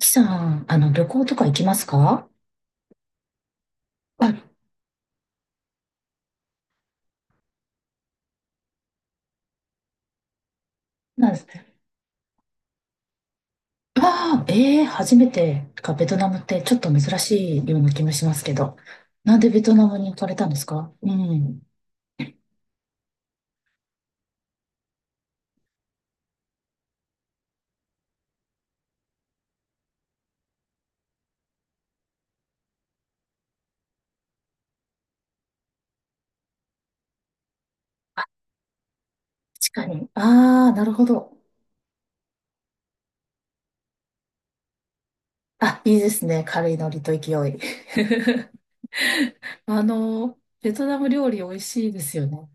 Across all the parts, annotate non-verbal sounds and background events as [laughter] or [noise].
きさん、旅行とか行きますか？あ、なんですね。ああ、初めてか、ベトナムってちょっと珍しいような気もしますけど。なんでベトナムに行かれたんですか？うん。確かに。ああ、なるほど。あ、いいですね。軽いノリと勢い。[laughs] ベトナム料理美味しいですよね。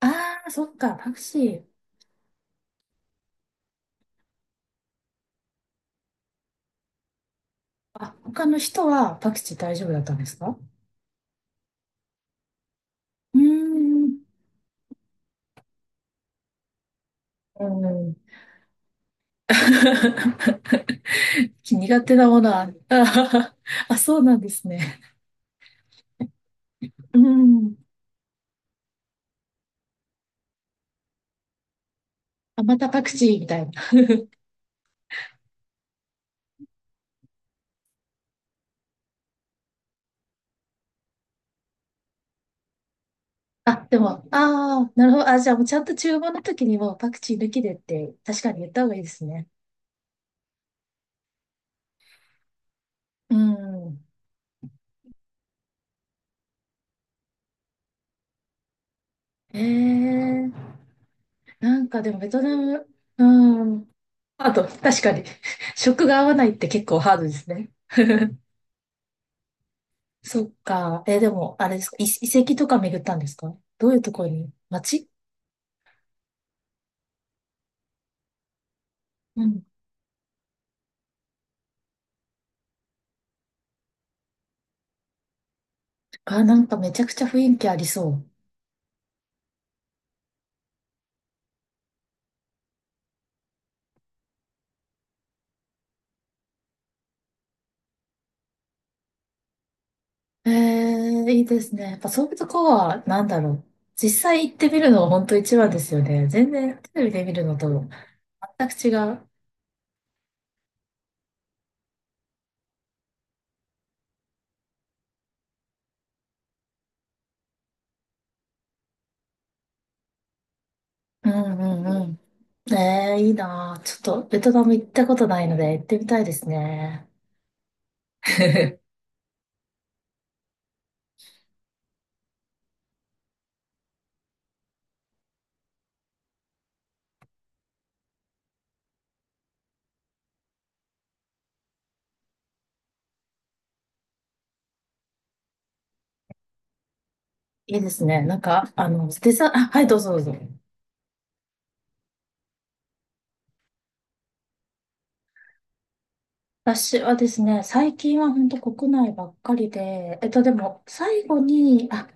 ああ、そっか、パクチー。あ、他の人はパクチー大丈夫だったんですか？うーん。うん。[laughs] 苦手なものは、あ、[laughs] あ、そうなんですね。うん。あ、またパクチーみたいな。あ、でも、ああ、なるほど。あ、じゃあもうちゃんと注文の時にもうパクチー抜きでって確かに言った方がいいですね。うん。ええ、なんかでもベトナム、うん。あと、確かに、[laughs] 食が合わないって結構ハードですね。そっか。えでも、あれですか、遺跡とか巡ったんですか？どういうところに街うん。あ、なんかめちゃくちゃ雰囲気ありそう。ええ、いいですね。やっぱそういうとこは、なんだろう。実際行ってみるのは本当一番ですよね。全然テレビで見るのと全く違う。うんうんうん。ええ、いいなあ。ちょっとベトナム行ったことないので行ってみたいですね。[laughs] いいですね。デザ、あ、はい、どうぞどうぞ。私はですね、最近は本当国内ばっかりで、でも、最後に、あ、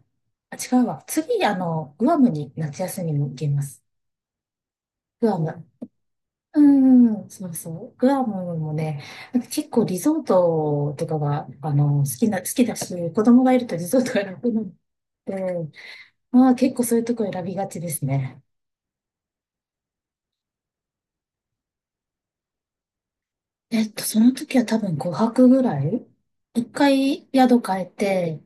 あ、違うわ。次、グアムに夏休みに行きます。グアム。うんん、そうそう。グアムもね、なんか結構リゾートとかが、好きだし、子供がいるとリゾートが楽なので、まあ結構そういうとこ選びがちですね。えっと、その時は多分5泊ぐらい、一回宿変えて、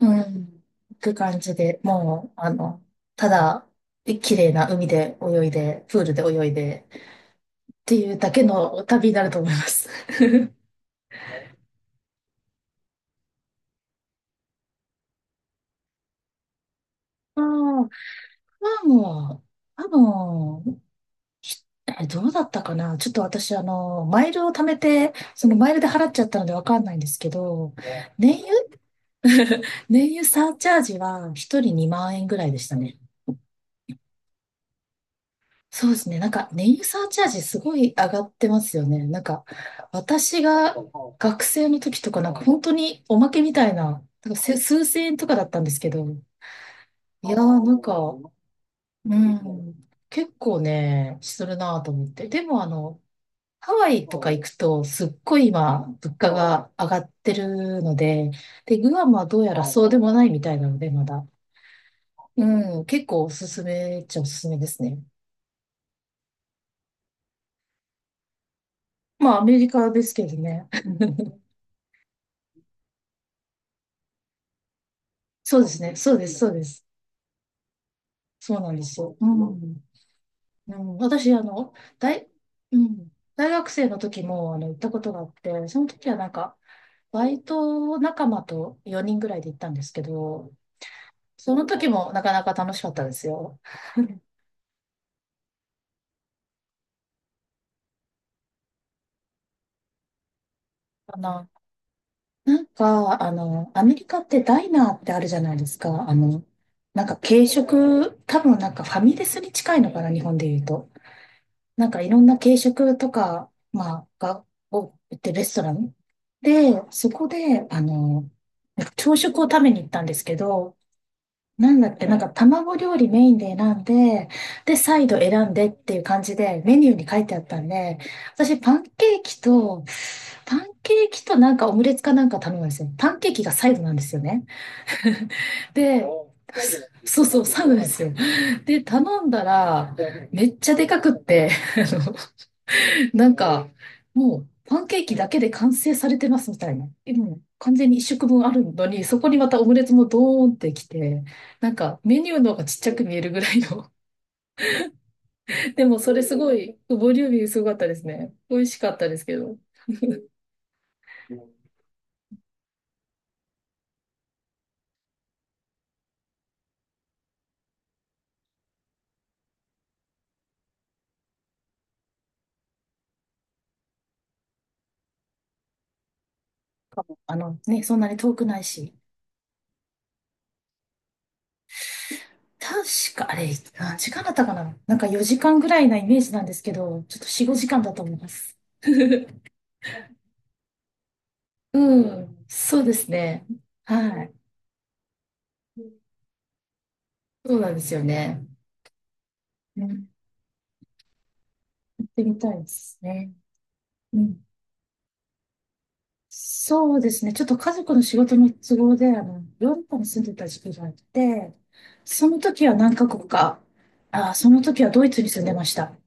うん、行く感じで、もう、ただ、綺麗な海で泳いで、プールで泳いで、っていうだけの旅になると思います。[laughs] ああ、まあもう、多しえどうだったかな。ちょっと私、マイルを貯めて、そのマイルで払っちゃったのでわかんないんですけど、ね、燃油 [laughs] 燃油サーチャージは一人2万円ぐらいでしたね。そうですね。なんか、燃油サーチャージすごい上がってますよね。なんか、私が学生の時とか、なんか本当におまけみたいな、なんか数千円とかだったんですけど、いやー、なんか、うん、結構ね、するなぁと思って。でも、ハワイとか行くと、すっごい今、物価が上がってるので、で、グアムはどうやらそうでもないみたいなので、まだ。うん、結構おすすめっちゃおすすめですね。まあ、アメリカですけどね。[laughs] そうですね。そうです、そうです。そうなんですよ。うん。うん、私、あの、大、うん、大学生の時も、行ったことがあって、その時はなんか、バイト仲間と4人ぐらいで行ったんですけど、その時もなかなか楽しかったですよ。あの、アメリカってダイナーってあるじゃないですか。なんか軽食、多分なんかファミレスに近いのかな、日本で言うと。なんかいろんな軽食とかを売ってるレストランで、そこで、なんか朝食を食べに行ったんですけど、なんだっけ、なんか卵料理メインで選んで、で、サイド選んでっていう感じでメニューに書いてあったんで、私パンケーキとなんかオムレツかなんか頼むんですよ。パンケーキがサイドなんですよね。で、おサイドなんですそうねそう、サイドなんですよ。で、頼んだら、めっちゃでかくって、[laughs] あのなんか、もう、パンケーキだけで完成されてますみたいな。え、もう完全に一食分あるのに、そこにまたオムレツもドーンってきて、なんかメニューの方がちっちゃく見えるぐらいの。[laughs] でもそれすごい、ボリューミーすごかったですね。美味しかったですけど。あのね、そんなに遠くないし。確か、あれ、何時間だったかな。なんか4時間ぐらいなイメージなんですけど、ちょっと4、5時間だと思います。[laughs] うん、そうですね。はい。そうなんですよね。ね、行ってみたいですね。うん、そうですね。ちょっと家族の仕事の都合で、ヨーロッパに住んでた時期があって、その時は何カ国か、あ、その時はドイツに住んでました。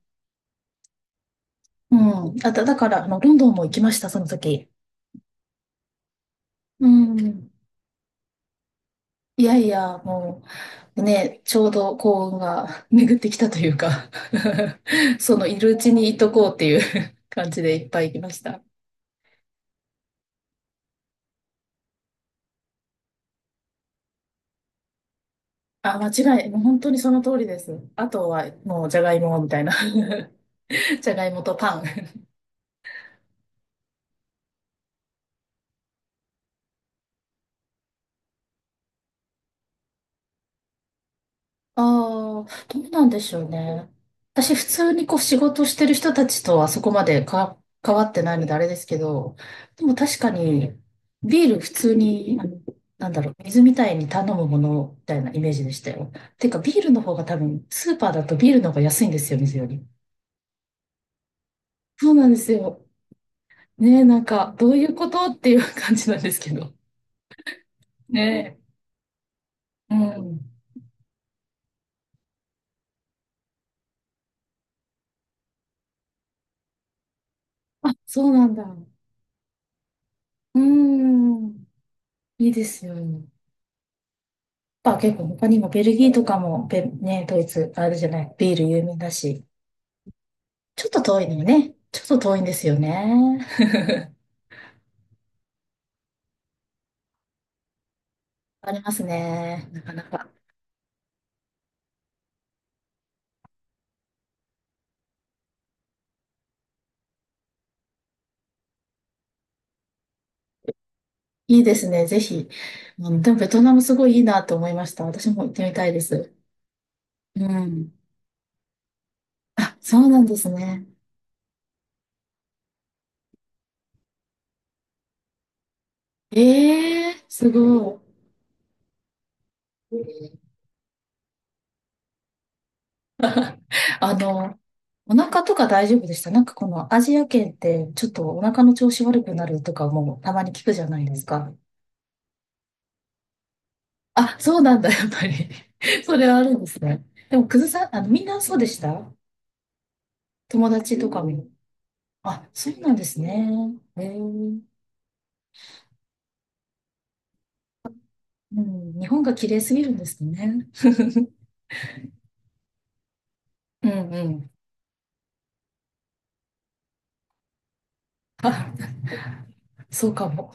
うん。あと、だから、ロンドンも行きました、その時。うん。いやいや、もう、ね、ちょうど幸運が [laughs] 巡ってきたというか、 [laughs] そのいるうちにいとこうっていう [laughs] 感じでいっぱい行きました。あ、間違い、もう本当にその通りです。あとはもうじゃがいもみたいな。 [laughs] じゃがいもとパン。ああ、どうなんでしょうね。私、普通にこう仕事してる人たちとはそこまで関わってないのであれですけど、でも確かに、ビール普通に、なんだろう、水みたいに頼むものみたいなイメージでしたよ。てか、ビールの方が多分、スーパーだとビールの方が安いんですよ、水より。そうなんですよ。ねえ、なんか、どういうことっていう感じなんですけど。ねえ。うん。あ、そうなんだ。うーん。いいですよね。結構他にもベルギーとかもドイツ、あるじゃない、ビール有名だし、ちょっと遠いのよね。ちょっと遠いんですよね。ありますね。なかなか。いいですね。ぜひ。うん、でもベトナムすごいいいなと思いました。私も行ってみたいです。うん。あ、そうなんですね。ええー、すごい。あの、お腹とか大丈夫でした？なんかこのアジア圏ってちょっとお腹の調子悪くなるとかもたまに聞くじゃないですか。あ、そうなんだ、やっぱり。[laughs] それはあるんですね。でも、くずさん、みんなそうでした？友達とかも。あ、そうなんですね。へえ。うん、日本が綺麗すぎるんですね。[laughs] うんうん。あ、そうかも。